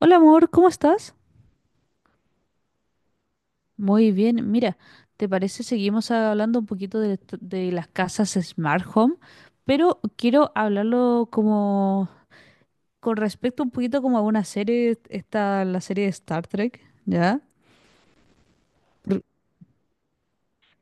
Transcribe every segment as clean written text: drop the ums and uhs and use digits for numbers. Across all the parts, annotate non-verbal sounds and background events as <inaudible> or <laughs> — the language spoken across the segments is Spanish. Hola amor, ¿cómo estás? Muy bien, mira, ¿te parece seguimos hablando un poquito de las casas Smart Home? Pero quiero hablarlo como con respecto un poquito como a una serie, la serie de Star Trek, ¿ya? Por-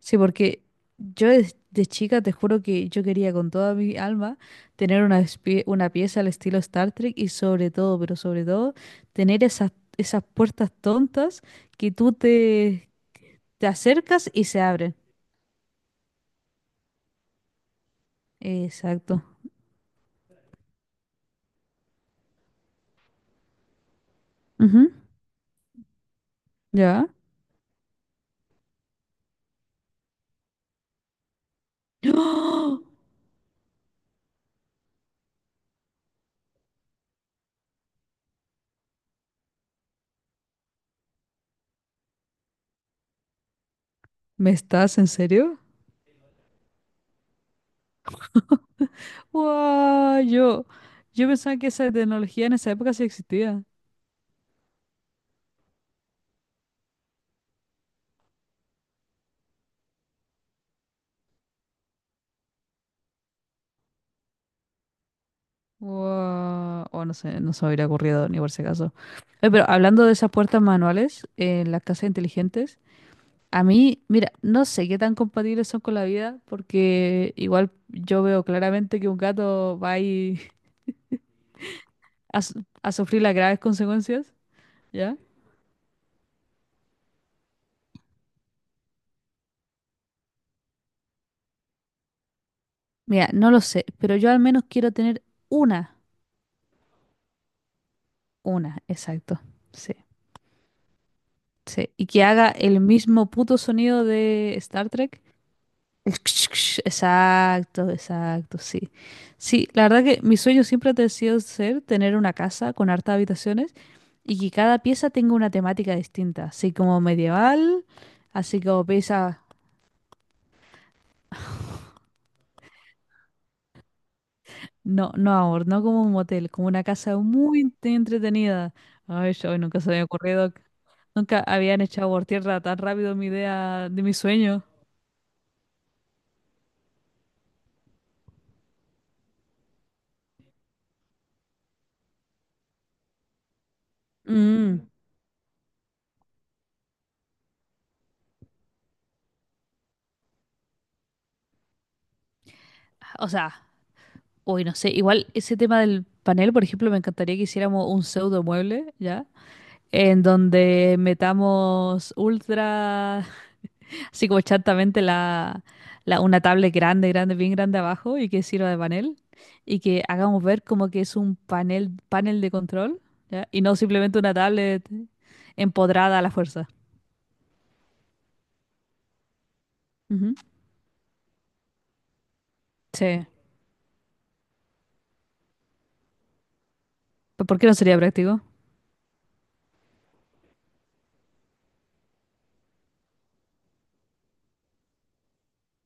sí, porque yo de chica te juro que yo quería con toda mi alma tener una pieza al estilo Star Trek y sobre todo, pero sobre todo, tener esas puertas tontas que tú te acercas y se abren. Exacto. Ujú. ¿Ya? ¡Oh! ¿Me estás en serio? ¡Wow! Yo pensaba que esa tecnología en esa época sí existía. ¡Wow! O no sé, no se me hubiera ocurrido ni por si acaso. Oye, pero hablando de esas puertas manuales en las casas inteligentes, a mí, mira, no sé qué tan compatibles son con la vida, porque igual yo veo claramente que un gato va ahí <laughs> a sufrir las graves consecuencias, ¿ya? Mira, no lo sé, pero yo al menos quiero tener una. Una, exacto. Sí, sí. Y que haga el mismo puto sonido de Star Trek. Exacto, exacto, sí. Sí, la verdad que mi sueño siempre ha sido ser tener una casa con hartas habitaciones y que cada pieza tenga una temática distinta, así como medieval, así como pieza, no, no amor, no como un motel, como una casa muy entretenida. Ay, yo nunca se me había ocurrido, nunca habían echado por tierra tan rápido mi idea de mi sueño. Mm. O sea, uy, no sé. Igual ese tema del panel, por ejemplo, me encantaría que hiciéramos un pseudo mueble, ¿ya? En donde metamos ultra, <laughs> así como chantamente, una tablet grande, grande, bien grande abajo y que sirva de panel. Y que hagamos ver como que es un panel de control, ¿ya? Y no simplemente una tablet empodrada a la fuerza. Ujú. Sí. ¿Pero ¿Por qué no sería práctico?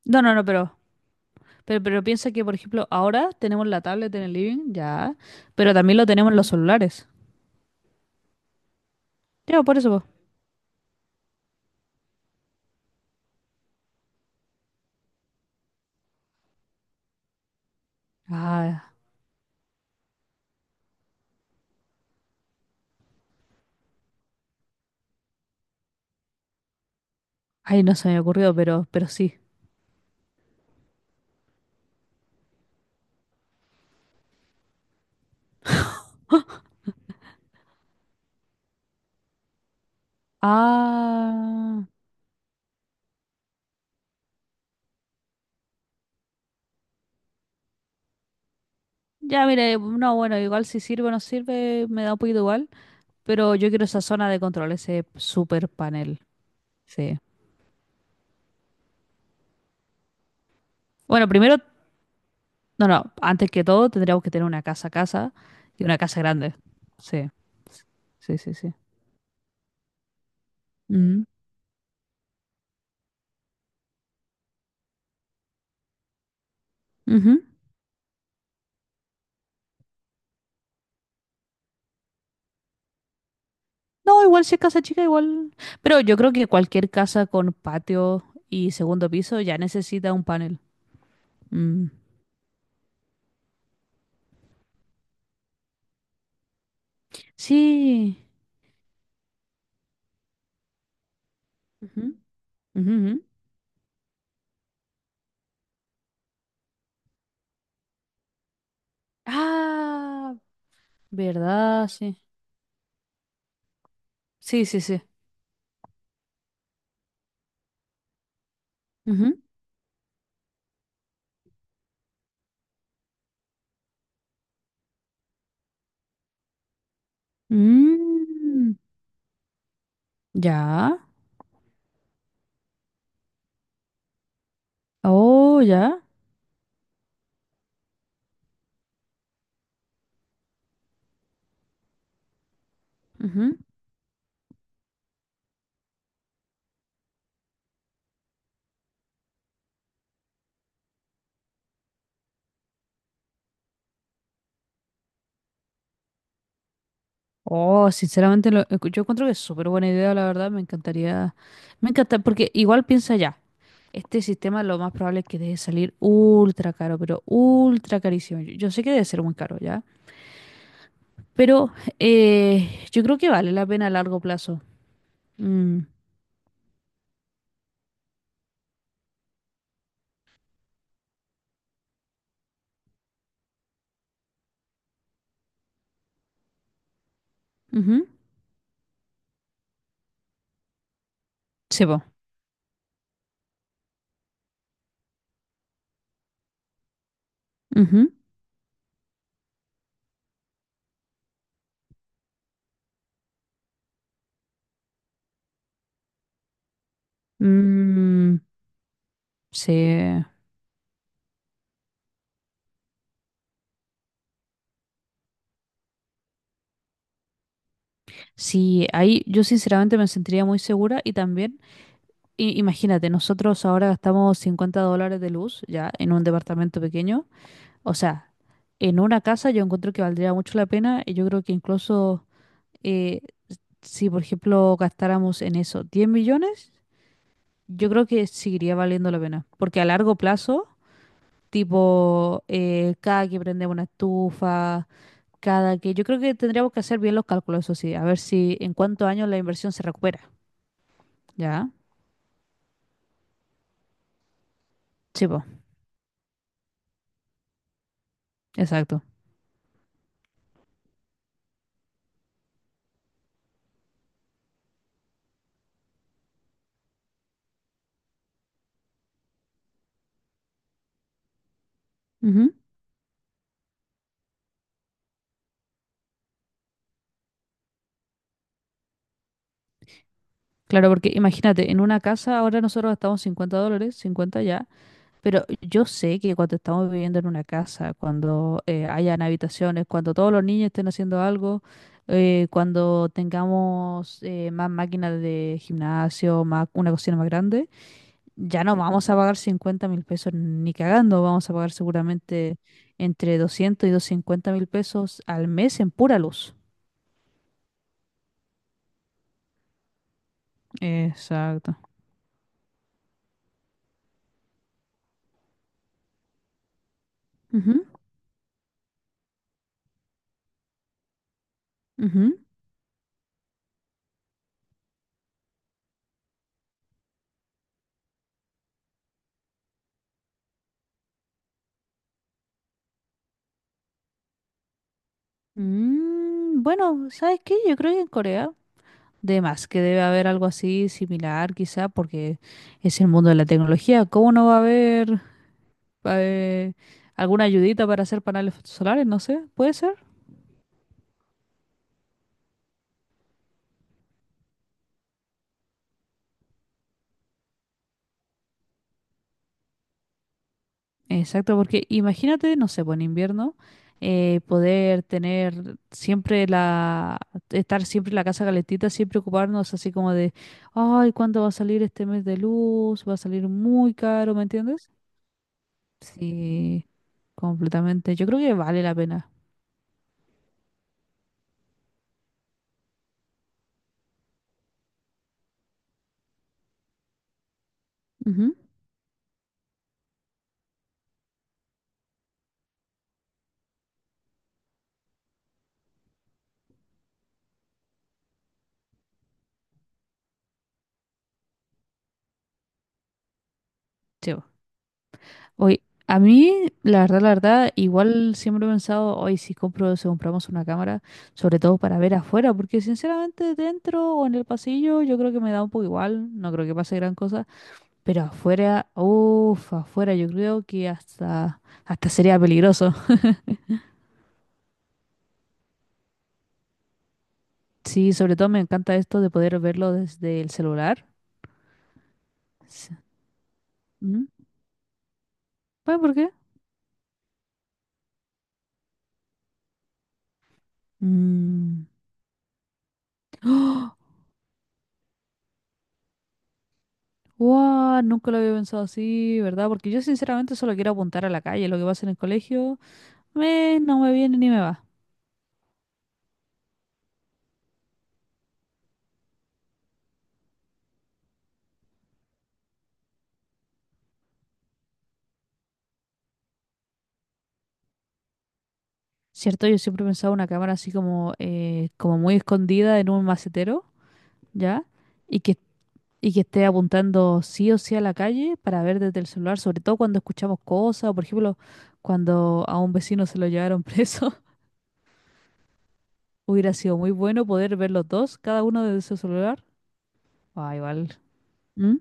No, no, no, pero piensa que, por ejemplo, ahora tenemos la tablet en el living, ya, pero también lo tenemos en los celulares. Ya, por eso, po. Ah, ay, no se me ocurrió, pero sí. Ah, ya, mire, no, bueno, igual si sirve o no sirve, me da un poquito igual, pero yo quiero esa zona de control, ese super panel, sí. Bueno, primero, no, no, antes que todo tendríamos que tener una casa a casa y una casa grande, sí, sí, sí, sí. Ujú, ujú. No, igual si es casa chica, igual. Pero yo creo que cualquier casa con patio y segundo piso ya necesita un panel. Mm. Sí. Ujú, ujú, ujú. Ah, ¿verdad? Sí. Sí, sí, sí. Ujú. Mm. Ya. Oh, ya. Ujú. Oh, sinceramente, yo encuentro que es súper buena idea, la verdad. Me encantaría. Me encanta, porque igual piensa ya. Este sistema lo más probable es que deje salir ultra caro, pero ultra carísimo. Yo sé que debe ser muy caro ya, pero yo creo que vale la pena a largo plazo. Mm, ujú. Sí, po. Ujú. Mm, sí. Sí, ahí yo sinceramente me sentiría muy segura y también, imagínate, nosotros ahora gastamos 50 dólares de luz ya en un departamento pequeño. O sea, en una casa yo encuentro que valdría mucho la pena y yo creo que incluso... eh, si por ejemplo gastáramos en eso 10 millones, yo creo que seguiría valiendo la pena. Porque a largo plazo, tipo, cada que prendemos una estufa, cada que... Yo creo que tendríamos que hacer bien los cálculos, eso sí, a ver si en cuántos años la inversión se recupera. ¿Ya? Sí, po, exacto. Ujú. Claro, porque imagínate, en una casa ahora nosotros gastamos 50 dólares, 50 ya, pero yo sé que cuando estamos viviendo en una casa, cuando hayan habitaciones, cuando todos los niños estén haciendo algo, cuando tengamos más máquinas de gimnasio, más, una cocina más grande, ya no vamos a pagar 50 mil pesos ni cagando, vamos a pagar seguramente entre 200 y 250 mil pesos al mes en pura luz. Exacto. Ujú, ujú. Mm, bueno, ¿sabes qué? Yo creo que en Corea de más, que debe haber algo así similar, quizá, porque es el mundo de la tecnología. ¿Cómo no va a haber eh, alguna ayudita para hacer paneles solares? No sé, puede ser. Exacto, porque imagínate, no sé, pues en invierno, poder tener siempre la, estar siempre en la casa calentita, sin preocuparnos así como de, ay, ¿cuándo va a salir este mes de luz? Va a salir muy caro, ¿me entiendes? Sí, completamente. Yo creo que vale la pena. Ujú, sí, pues. Hoy, a mí, la verdad, igual siempre he pensado, hoy si compro, si compramos una cámara, sobre todo para ver afuera, porque sinceramente dentro o en el pasillo yo creo que me da un poco igual, no creo que pase gran cosa, pero afuera, uff, afuera yo creo que hasta, hasta sería peligroso. <laughs> Sí, sobre todo me encanta esto de poder verlo desde el celular. Sí. Ujú. ¿Sabes por qué? Mm. ¡Oh! ¡Guau! Nunca lo había pensado así, ¿verdad? Porque yo sinceramente solo quiero apuntar a la calle, lo que pasa en el colegio. Me, no me viene ni me va. Cierto, yo siempre pensaba una cámara así como, como muy escondida en un macetero, ¿ya? Y que, y que esté apuntando sí o sí a la calle para ver desde el celular, sobre todo cuando escuchamos cosas, o por ejemplo, cuando a un vecino se lo llevaron preso. <laughs> Hubiera sido muy bueno poder ver los dos, cada uno desde su celular. Ah, igual. ¿Mm?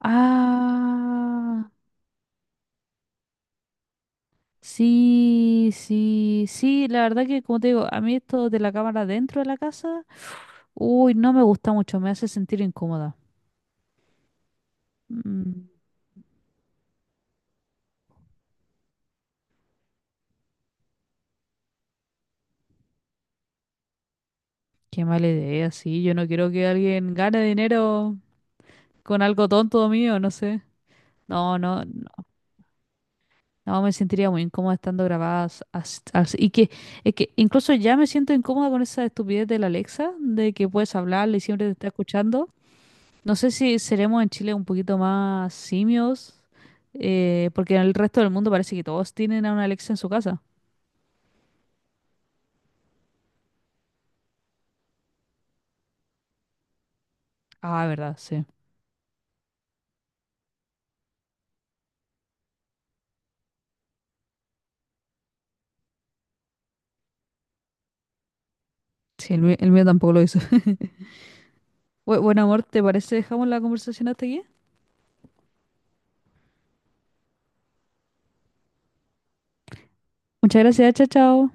Ah, sí, sí, sí, la verdad que como te digo, a mí esto de la cámara dentro de la casa uy, no me gusta mucho, me hace sentir incómoda. Mm, qué mala idea, sí. Yo no quiero que alguien gane dinero con algo tonto mío, no sé. No, no, no, no, me sentiría muy incómoda estando grabadas así. Y que, es que incluso ya me siento incómoda con esa estupidez de la Alexa, de que puedes hablarle y siempre te está escuchando. No sé si seremos en Chile un poquito más simios, porque en el resto del mundo parece que todos tienen a una Alexa en su casa. Ah, verdad, sí. Sí, el mío tampoco lo hizo. Buen amor, ¿te parece? Dejamos la conversación hasta aquí. Muchas gracias, chao, chao.